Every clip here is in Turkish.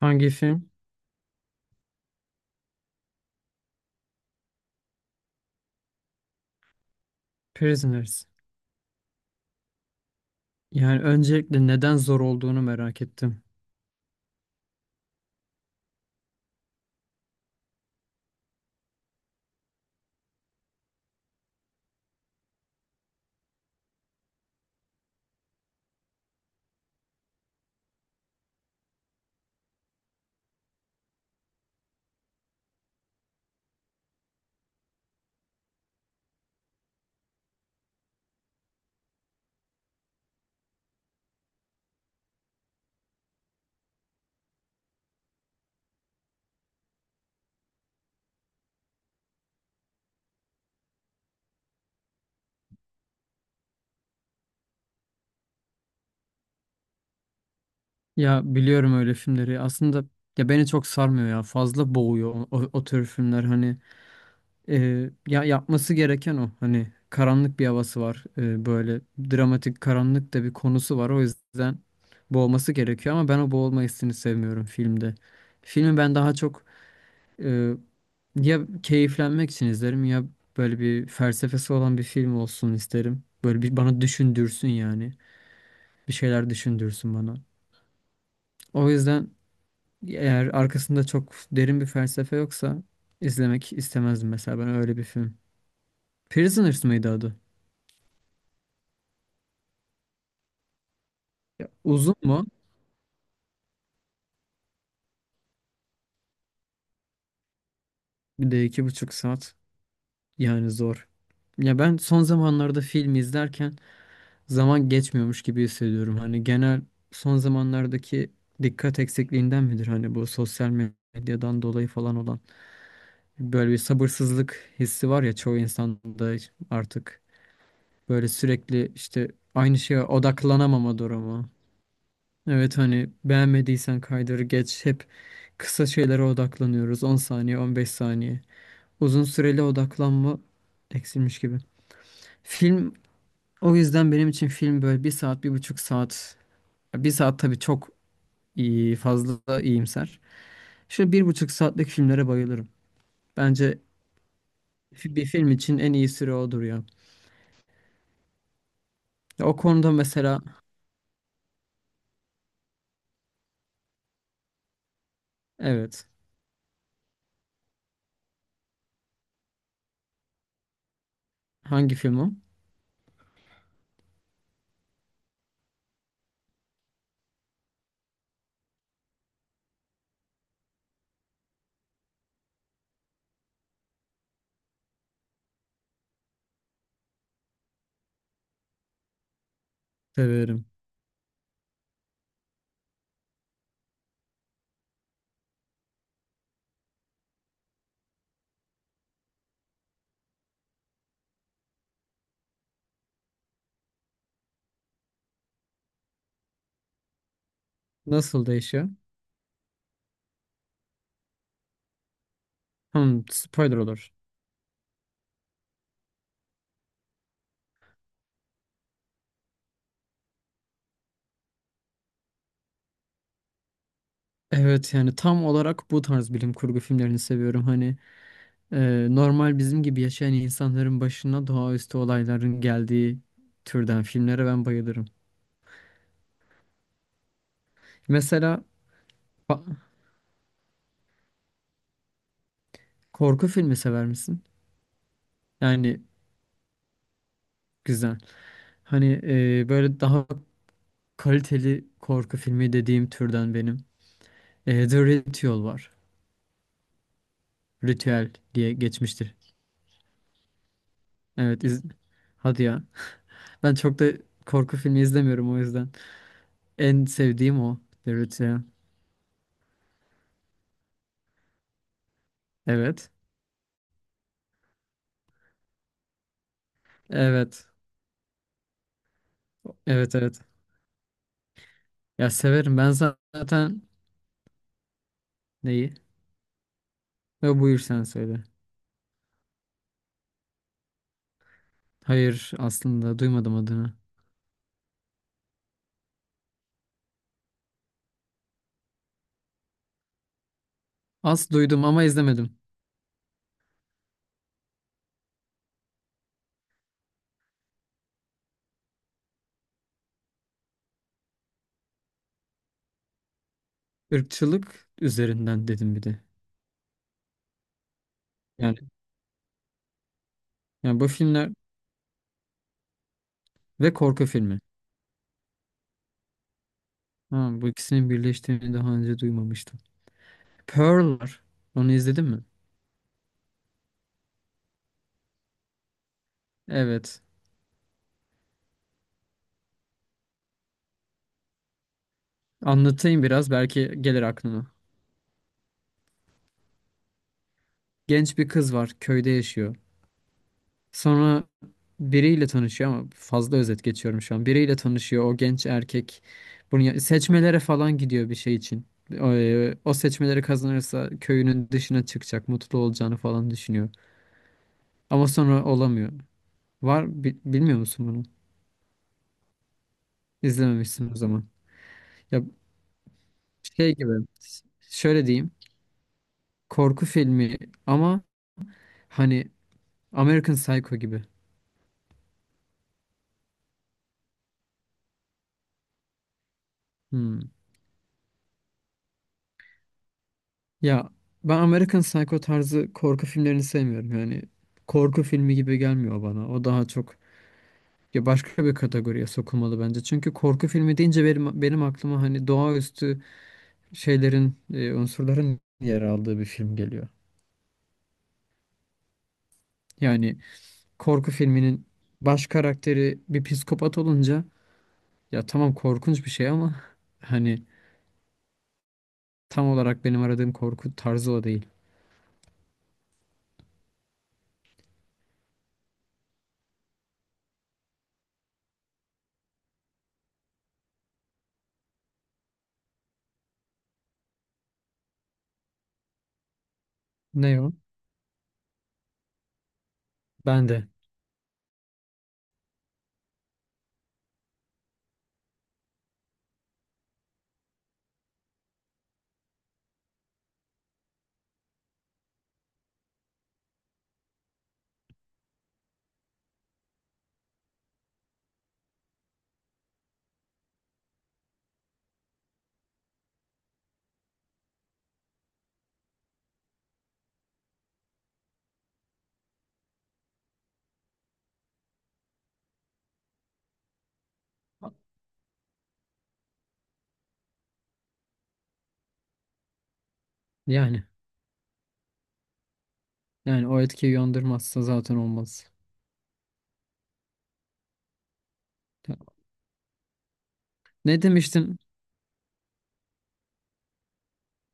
Hangi film? Prisoners. Yani öncelikle neden zor olduğunu merak ettim. Ya, biliyorum öyle filmleri. Aslında ya beni çok sarmıyor ya. Fazla boğuyor o tür filmler. Hani ya, yapması gereken o. Hani karanlık bir havası var. Böyle dramatik karanlık da bir konusu var. O yüzden boğması gerekiyor ama ben o boğulma hissini sevmiyorum filmde. Filmi ben daha çok, Ee, ya, keyiflenmek için izlerim ya, böyle bir felsefesi olan bir film olsun isterim. Böyle bir bana düşündürsün yani. Bir şeyler düşündürsün bana. O yüzden eğer arkasında çok derin bir felsefe yoksa izlemek istemezdim mesela ben öyle bir film. Prisoners mıydı adı? Ya, uzun mu? Bir de 2,5 saat. Yani zor. Ya, ben son zamanlarda film izlerken zaman geçmiyormuş gibi hissediyorum. Hani genel, son zamanlardaki dikkat eksikliğinden midir? Hani bu sosyal medyadan dolayı falan olan böyle bir sabırsızlık hissi var ya, çoğu insanda artık böyle sürekli işte aynı şeye odaklanamama durumu. Evet, hani beğenmediysen kaydırı geç, hep kısa şeylere odaklanıyoruz. 10 saniye, 15 saniye. Uzun süreli odaklanma eksilmiş gibi. Film, o yüzden benim için film böyle bir saat, 1,5 saat, bir saat tabii çok iyi, fazla iyimser. Şöyle 1,5 saatlik filmlere bayılırım. Bence bir film için en iyi süre odur ya. Ya, o konuda mesela evet. Hangi film o? Severim. Nasıl değişiyor? Hmm, spoiler olur. Evet, yani tam olarak bu tarz bilim kurgu filmlerini seviyorum. Hani normal bizim gibi yaşayan insanların başına doğaüstü olayların geldiği türden filmlere ben bayılırım. Mesela, ba- korku filmi sever misin? Yani, güzel. Hani böyle daha kaliteli korku filmi dediğim türden benim. The Ritual var. Ritüel diye geçmiştir. Evet, hadi ya. Ben çok da korku filmi izlemiyorum o yüzden. En sevdiğim o, The Ritual. Evet. Evet. Evet, evet. Ya, severim. Ben zaten. Neyi? Ve buyur sen söyle. Hayır, aslında duymadım adını. Az duydum ama izlemedim. Irkçılık üzerinden dedim bir de. Yani, yani, bu filmler ve korku filmi. Ha, bu ikisinin birleştiğini daha önce duymamıştım. Pearl'lar. Onu izledin mi? Evet. Anlatayım biraz, belki gelir aklına. Genç bir kız var, köyde yaşıyor. Sonra biriyle tanışıyor ama fazla özet geçiyorum şu an. Biriyle tanışıyor, o genç erkek. Bunu seçmelere falan gidiyor bir şey için. O seçmeleri kazanırsa köyünün dışına çıkacak, mutlu olacağını falan düşünüyor. Ama sonra olamıyor. Var bilmiyor musun bunu? İzlememişsin o zaman. Ya, şey gibi, şöyle diyeyim. Korku filmi ama hani American Psycho gibi. Hmm. Ya, ben American Psycho tarzı korku filmlerini sevmiyorum. Yani korku filmi gibi gelmiyor bana. O daha çok ya başka bir kategoriye sokulmalı bence. Çünkü korku filmi deyince benim aklıma hani doğaüstü şeylerin, unsurların yer aldığı bir film geliyor. Yani korku filminin baş karakteri bir psikopat olunca ya tamam, korkunç bir şey ama hani tam olarak benim aradığım korku tarzı o değil. Ne o? Ben de. Yani. Yani o etkiyi uyandırmazsa zaten olmaz. Ne demiştin?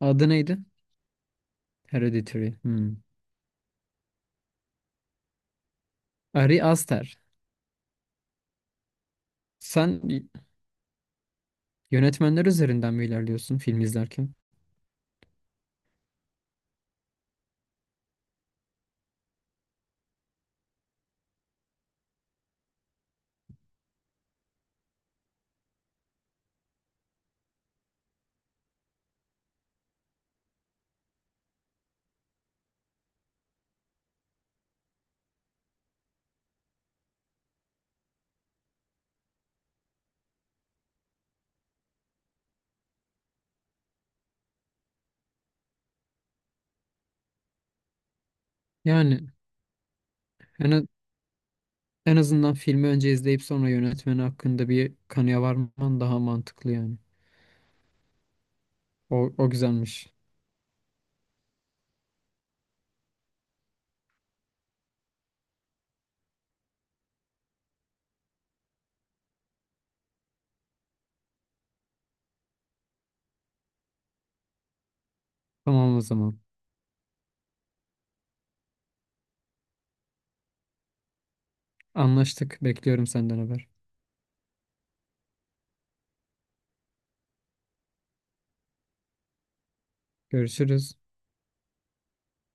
Adı neydi? Hereditary. Hmm. Ari Aster. Sen yönetmenler üzerinden mi ilerliyorsun film izlerken? Yani en, a- en azından filmi önce izleyip sonra yönetmeni hakkında bir kanıya varman daha mantıklı yani. O güzelmiş. Tamam o zaman. Anlaştık. Bekliyorum senden haber. Görüşürüz.